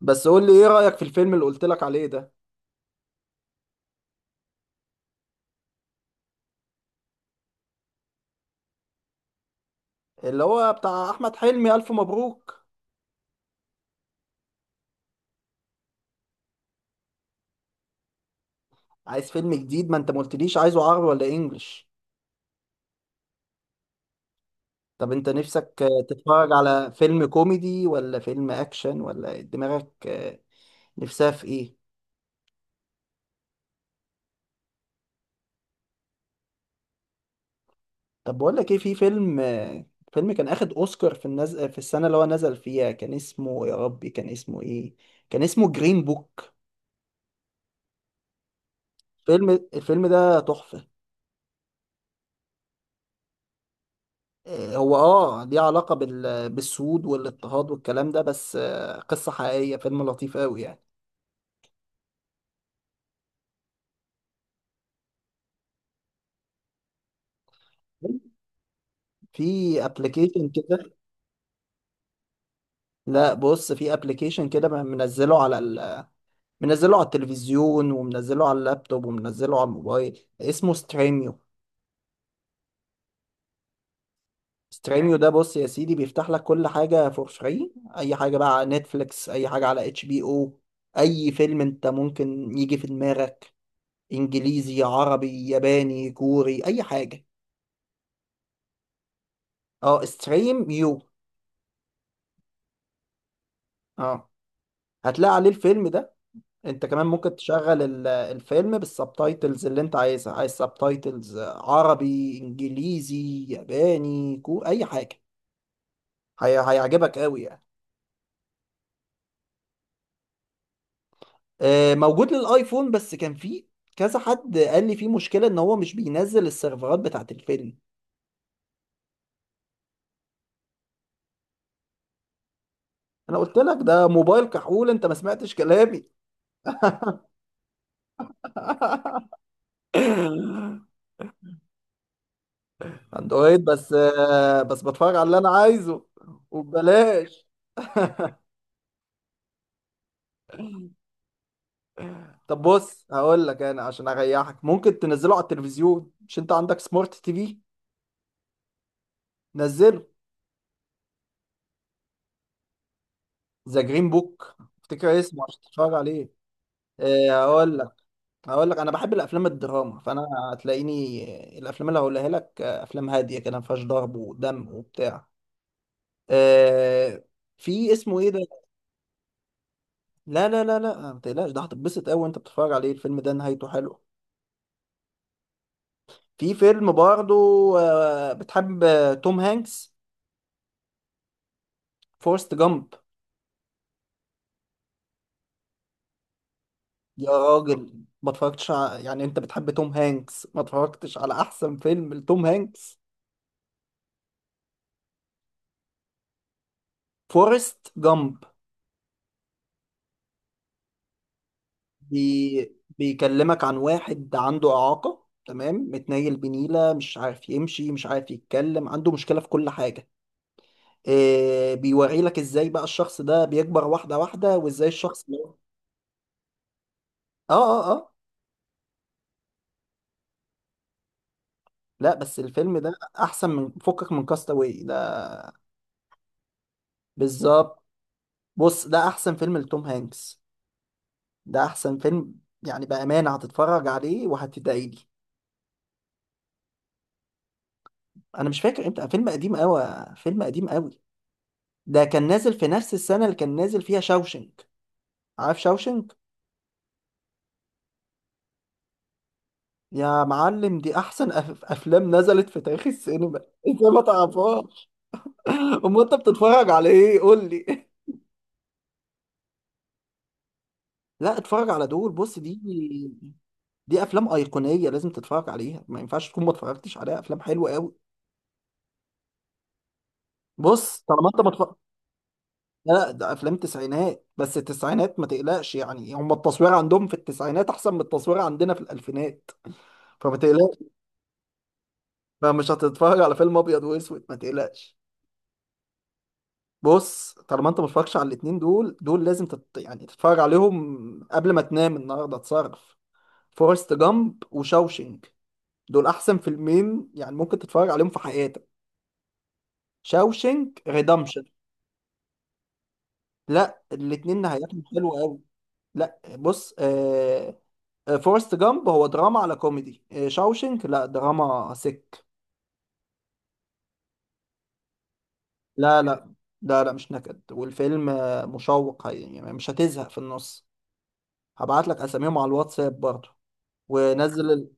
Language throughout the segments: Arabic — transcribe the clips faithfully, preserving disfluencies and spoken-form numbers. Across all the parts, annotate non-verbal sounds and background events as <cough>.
بس قول لي ايه رأيك في الفيلم اللي قلت لك عليه ده؟ اللي هو بتاع احمد حلمي، الف مبروك. عايز فيلم جديد. ما انت ما قلتليش عايزه عربي ولا انجليش. طب انت نفسك آه، تتفرج على فيلم كوميدي ولا فيلم اكشن ولا دماغك آه، نفسها في ايه؟ طب بقول لك ايه، في فيلم آه، فيلم كان اخد اوسكار في النز... في السنة اللي هو نزل فيها. كان اسمه يا ربي، كان اسمه ايه، كان اسمه جرين بوك. فيلم الفيلم ده تحفة. آه، هو اه ليه علاقة بال... بالسود والاضطهاد والكلام ده، بس آه، قصة حقيقية، فيلم لطيف قوي يعني. في ابلكيشن كده. لا بص، في ابلكيشن كده منزله على ال... منزله على التلفزيون ومنزله على اللابتوب ومنزله على الموبايل، اسمه ستريميو. ستريميو ده بص يا سيدي، بيفتح لك كل حاجة فور فري، اي حاجة بقى على نتفليكس، اي حاجة على اتش بي او، اي فيلم انت ممكن يجي في دماغك، انجليزي عربي ياباني كوري اي حاجة. اه ستريم يو. اه هتلاقي عليه الفيلم ده. انت كمان ممكن تشغل ال- الفيلم بالسبتايتلز اللي انت عايزها. عايز سبتايتلز عربي انجليزي ياباني كو اي حاجه. هي... هيعجبك قوي يعني. آه، موجود للايفون، بس كان فيه كذا حد قال لي فيه مشكله ان هو مش بينزل السيرفرات بتاعت الفيلم. انا قلت لك ده موبايل كحول، انت ما سمعتش كلامي. <laughs> اندرويد، بس آه، بس بتفرج على اللي انا عايزه، وببلاش. <laughs> طب بص، هقول لك انا عشان اريحك، ممكن تنزله على التلفزيون، مش انت عندك سمارت تي في؟ نزله. ذا جرين بوك افتكر اسمه، عشان تتفرج عليه. إيه، هقول لك، هقول لك انا بحب الافلام الدراما، فانا هتلاقيني الافلام اللي هقولها لك آه، افلام هاديه كده ما فيهاش ضرب ودم وبتاع. إيه، في اسمه ايه ده؟ لا لا لا لا، ما تقلقش، ده هتتبسط قوي وانت بتتفرج عليه، الفيلم ده نهايته حلوه. في فيلم برضه، آه، بتحب آه، توم هانكس؟ فورست جامب. يا راجل ما اتفرجتش ع... يعني انت بتحب توم هانكس، ما اتفرجتش على احسن فيلم لتوم هانكس؟ فورست جامب. بي... بيكلمك عن واحد عنده اعاقة تمام، متنيل بنيلة، مش عارف يمشي، مش عارف يتكلم، عنده مشكلة في كل حاجة. إيه... بيوري لك ازاي بقى الشخص ده بيكبر واحدة واحدة، وازاي الشخص ده. اه، اه، اه. لا بس الفيلم ده احسن من فكك من كاستاوي ده. بالظبط. بص ده احسن فيلم لتوم هانكس، ده احسن فيلم. يعني بامانه هتتفرج عليه وهتدعي لي. انا مش فاكر امتى، فيلم قديم قوي، فيلم قديم قوي. ده كان نازل في نفس السنه اللي كان نازل فيها شاوشنك. عارف شاوشنك؟ يا معلم، دي احسن أف... افلام نزلت في تاريخ السينما. <laughs> انت ما تعرفهاش؟ امال انت بتتفرج على ايه قول لي. <laughs> لا اتفرج على دول، بص، دي دي افلام ايقونيه لازم تتفرج عليها، ما ينفعش تكون ما اتفرجتش عليها، افلام حلوه قوي. بص طالما انت ما اتفرج-. لا لا، ده افلام تسعينات، بس التسعينات ما تقلقش يعني، هم التصوير عندهم في التسعينات احسن من التصوير عندنا في الالفينات. فما تقلقش، فمش هتتفرج على فيلم ابيض واسود، ما تقلقش. بص طالما انت ما اتفرجتش على الاتنين دول، دول لازم تت... يعني تتفرج عليهم قبل ما تنام النهارده، تصرف. فورست جامب وشاوشينج، دول احسن فيلمين يعني ممكن تتفرج عليهم في حياتك. شاوشينج ريدمشن. لا الاتنين نهايتهم حلوه قوي. لا بص آه، فورست جامب هو دراما على كوميدي، شاوشنك لا دراما سك. لا لا لا لا، مش نكد، والفيلم آه، مشوق، هي- يعني مش هتزهق في النص. هبعت لك اساميهم على الواتساب برضه، ونزل ال-.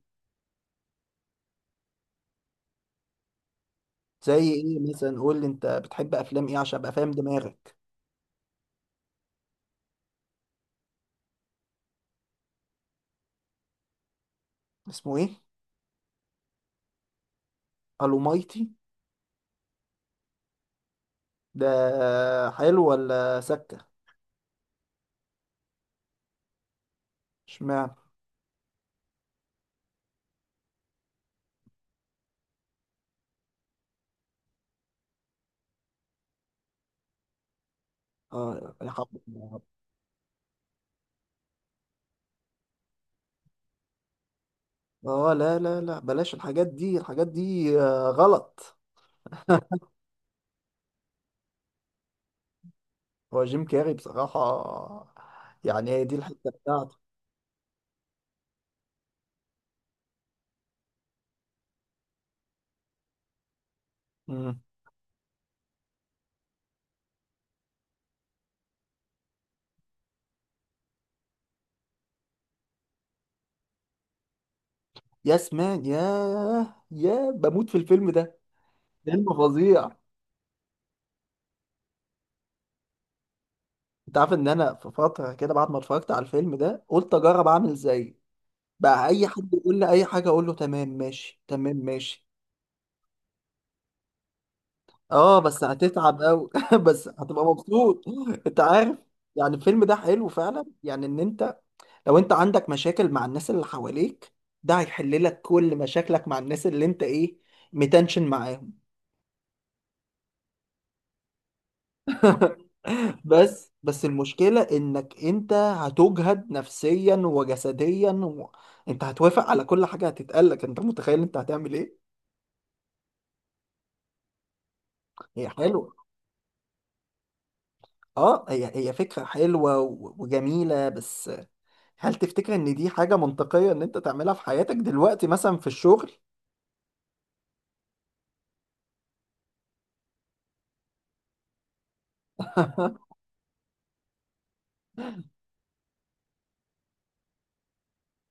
زي ايه مثلا؟ قول لي انت بتحب افلام ايه عشان ابقى فاهم دماغك. اسمه ايه؟ الومايتي؟ ده حلو ولا سكة؟ اشمعنى؟ اه يا حب. اه لا لا لا، بلاش الحاجات دي، الحاجات دي آه، غلط. هو جيم كاري بصراحة، يعني هي دي الحتة بتاعته. مم. يا سمان، يا يا بموت في الفيلم ده. فيلم فظيع. انت عارف ان انا في فترة كده بعد ما اتفرجت على الفيلم ده قلت اجرب اعمل زيه، بقى اي حد يقول لي اي حاجة اقول له تمام ماشي، تمام ماشي. اه بس هتتعب قوي <laughs> بس هتبقى مبسوط. انت عارف، يعني الفيلم ده حلو فعلا، يعني ان انت لو انت عندك مشاكل مع الناس اللي حواليك، ده هيحل لك كل مشاكلك مع الناس اللي انت ايه، متنشن معاهم. بس بس المشكلة انك انت هتجهد نفسيا وجسديا و... انت هتوافق على كل حاجة هتتقالك، انت متخيل انت هتعمل ايه؟ هي حلوة، اه هي هي فكرة حلوة و- وجميلة بس هل تفتكر ان دي حاجة منطقية ان انت تعملها في حياتك دلوقتي، مثلا في الشغل؟ <laughs>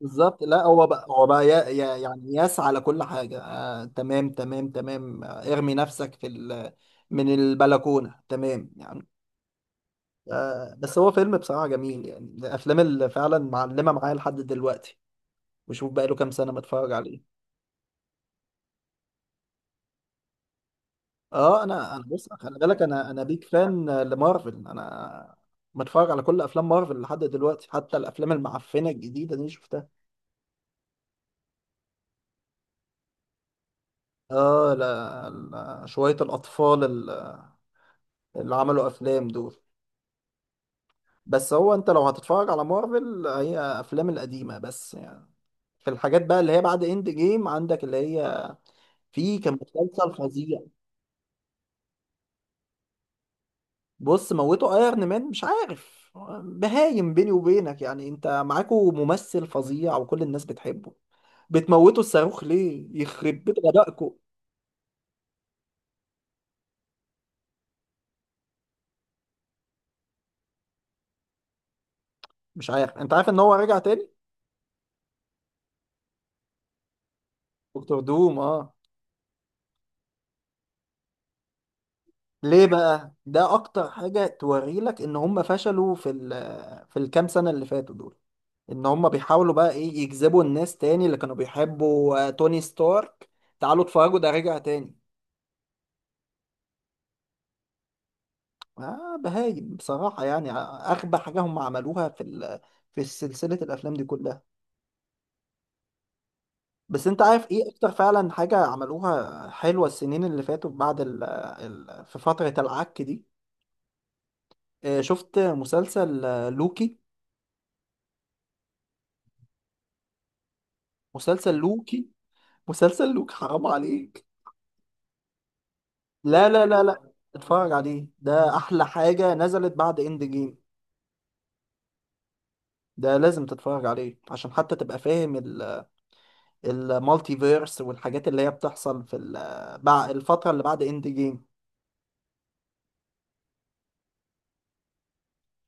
بالظبط. لا هو بقى، هو بقى يا يا- يعني يسعى على كل حاجة، آه تمام تمام تمام، آه، ارمي نفسك في ال من البلكونة، تمام يعني. آه بس هو فيلم بصراحة جميل، يعني من الأفلام اللي فعلا معلمة معايا لحد دلوقتي، وشوف بقى له كام سنة بتفرج عليه. اه انا انا بص خلي بالك، انا انا بيك فان آه، لمارفل، انا بتفرج على كل افلام مارفل لحد دلوقتي، حتى الافلام المعفنة الجديدة دي شفتها. اه لا, لا شوية الاطفال اللي اللي عملوا افلام دول. بس هو انت لو هتتفرج على مارفل، هي افلام القديمه بس يعني، في الحاجات بقى اللي هي بعد اند جيم عندك اللي هي، في كان مسلسل فظيع. بص موتوا ايرون مان مش عارف، بهايم بيني وبينك يعني، انت معاكوا ممثل فظيع وكل الناس بتحبه، بتموتوا الصاروخ ليه؟ يخرب بيت غبائكم. مش عارف. انت عارف ان هو رجع تاني، دكتور دوم، اه. ليه بقى؟ ده اكتر حاجه توري لك ان هم فشلوا في ال في الكام سنه اللي فاتوا دول، ان هم بيحاولوا بقى ايه، يجذبوا الناس تاني اللي كانوا بيحبوا آه، توني ستارك، تعالوا اتفرجوا ده رجع تاني. آه بهايم بصراحة يعني، آه، أغبى حاجة هم عملوها في ال... في سلسلة الأفلام دي كلها. بس أنت عارف إيه أكتر فعلا حاجة عملوها حلوة السنين اللي فاتوا بعد ال... ال... في فترة العك دي؟ آه، شفت مسلسل آه، لوكي؟ مسلسل لوكي. مسلسل لوكي حرام عليك. لا لا لا لا، اتفرج عليه، ده أحلى حاجة نزلت بعد إند جيم. ده لازم تتفرج عليه عشان حتى تبقى فاهم ال- المالتي فيرس والحاجات اللي هي بتحصل في ال- بع- الفترة اللي بعد اند جيم.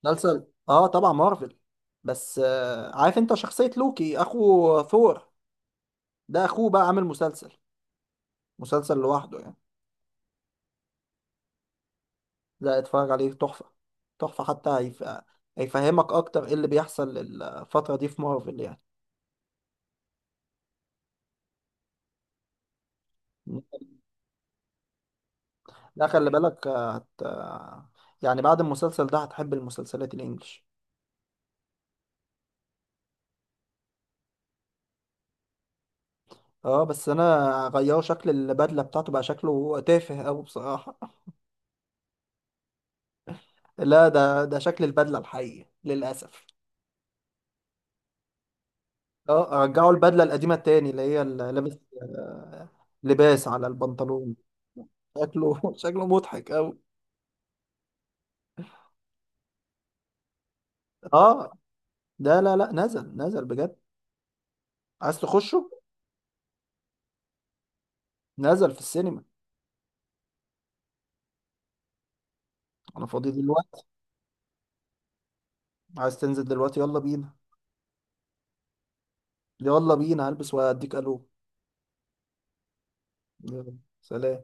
مسلسل، اه طبعا مارفل. بس آه، عارف انت شخصية لوكي اخو ثور، ده اخوه بقى عامل مسلسل، مسلسل لوحده يعني. لا اتفرج عليه تحفة، تحفة، حتى هيف... هيفهمك اكتر ايه اللي بيحصل الفترة دي في مارفل يعني. لا خلي بالك آه، هت... آه، يعني بعد المسلسل ده هتحب المسلسلات الانجليش. اه بس انا غيروا شكل البدله بتاعته، بقى شكله تافه قوي بصراحه. <laughs> لا ده ده شكل البدله الحقيقي للاسف. اه رجعوا البدله القديمه تاني، اللي هي اللي لابس آه، لباس على البنطلون، شكله <laughs> شكله مضحك قوي. اه ده، لا لا، نزل نزل بجد، عايز تخشه؟ نزل في السينما. انا فاضي دلوقتي. عايز تنزل دلوقتي؟ يلا بينا. يلا بينا هلبس واديك الو. يلا. سلام.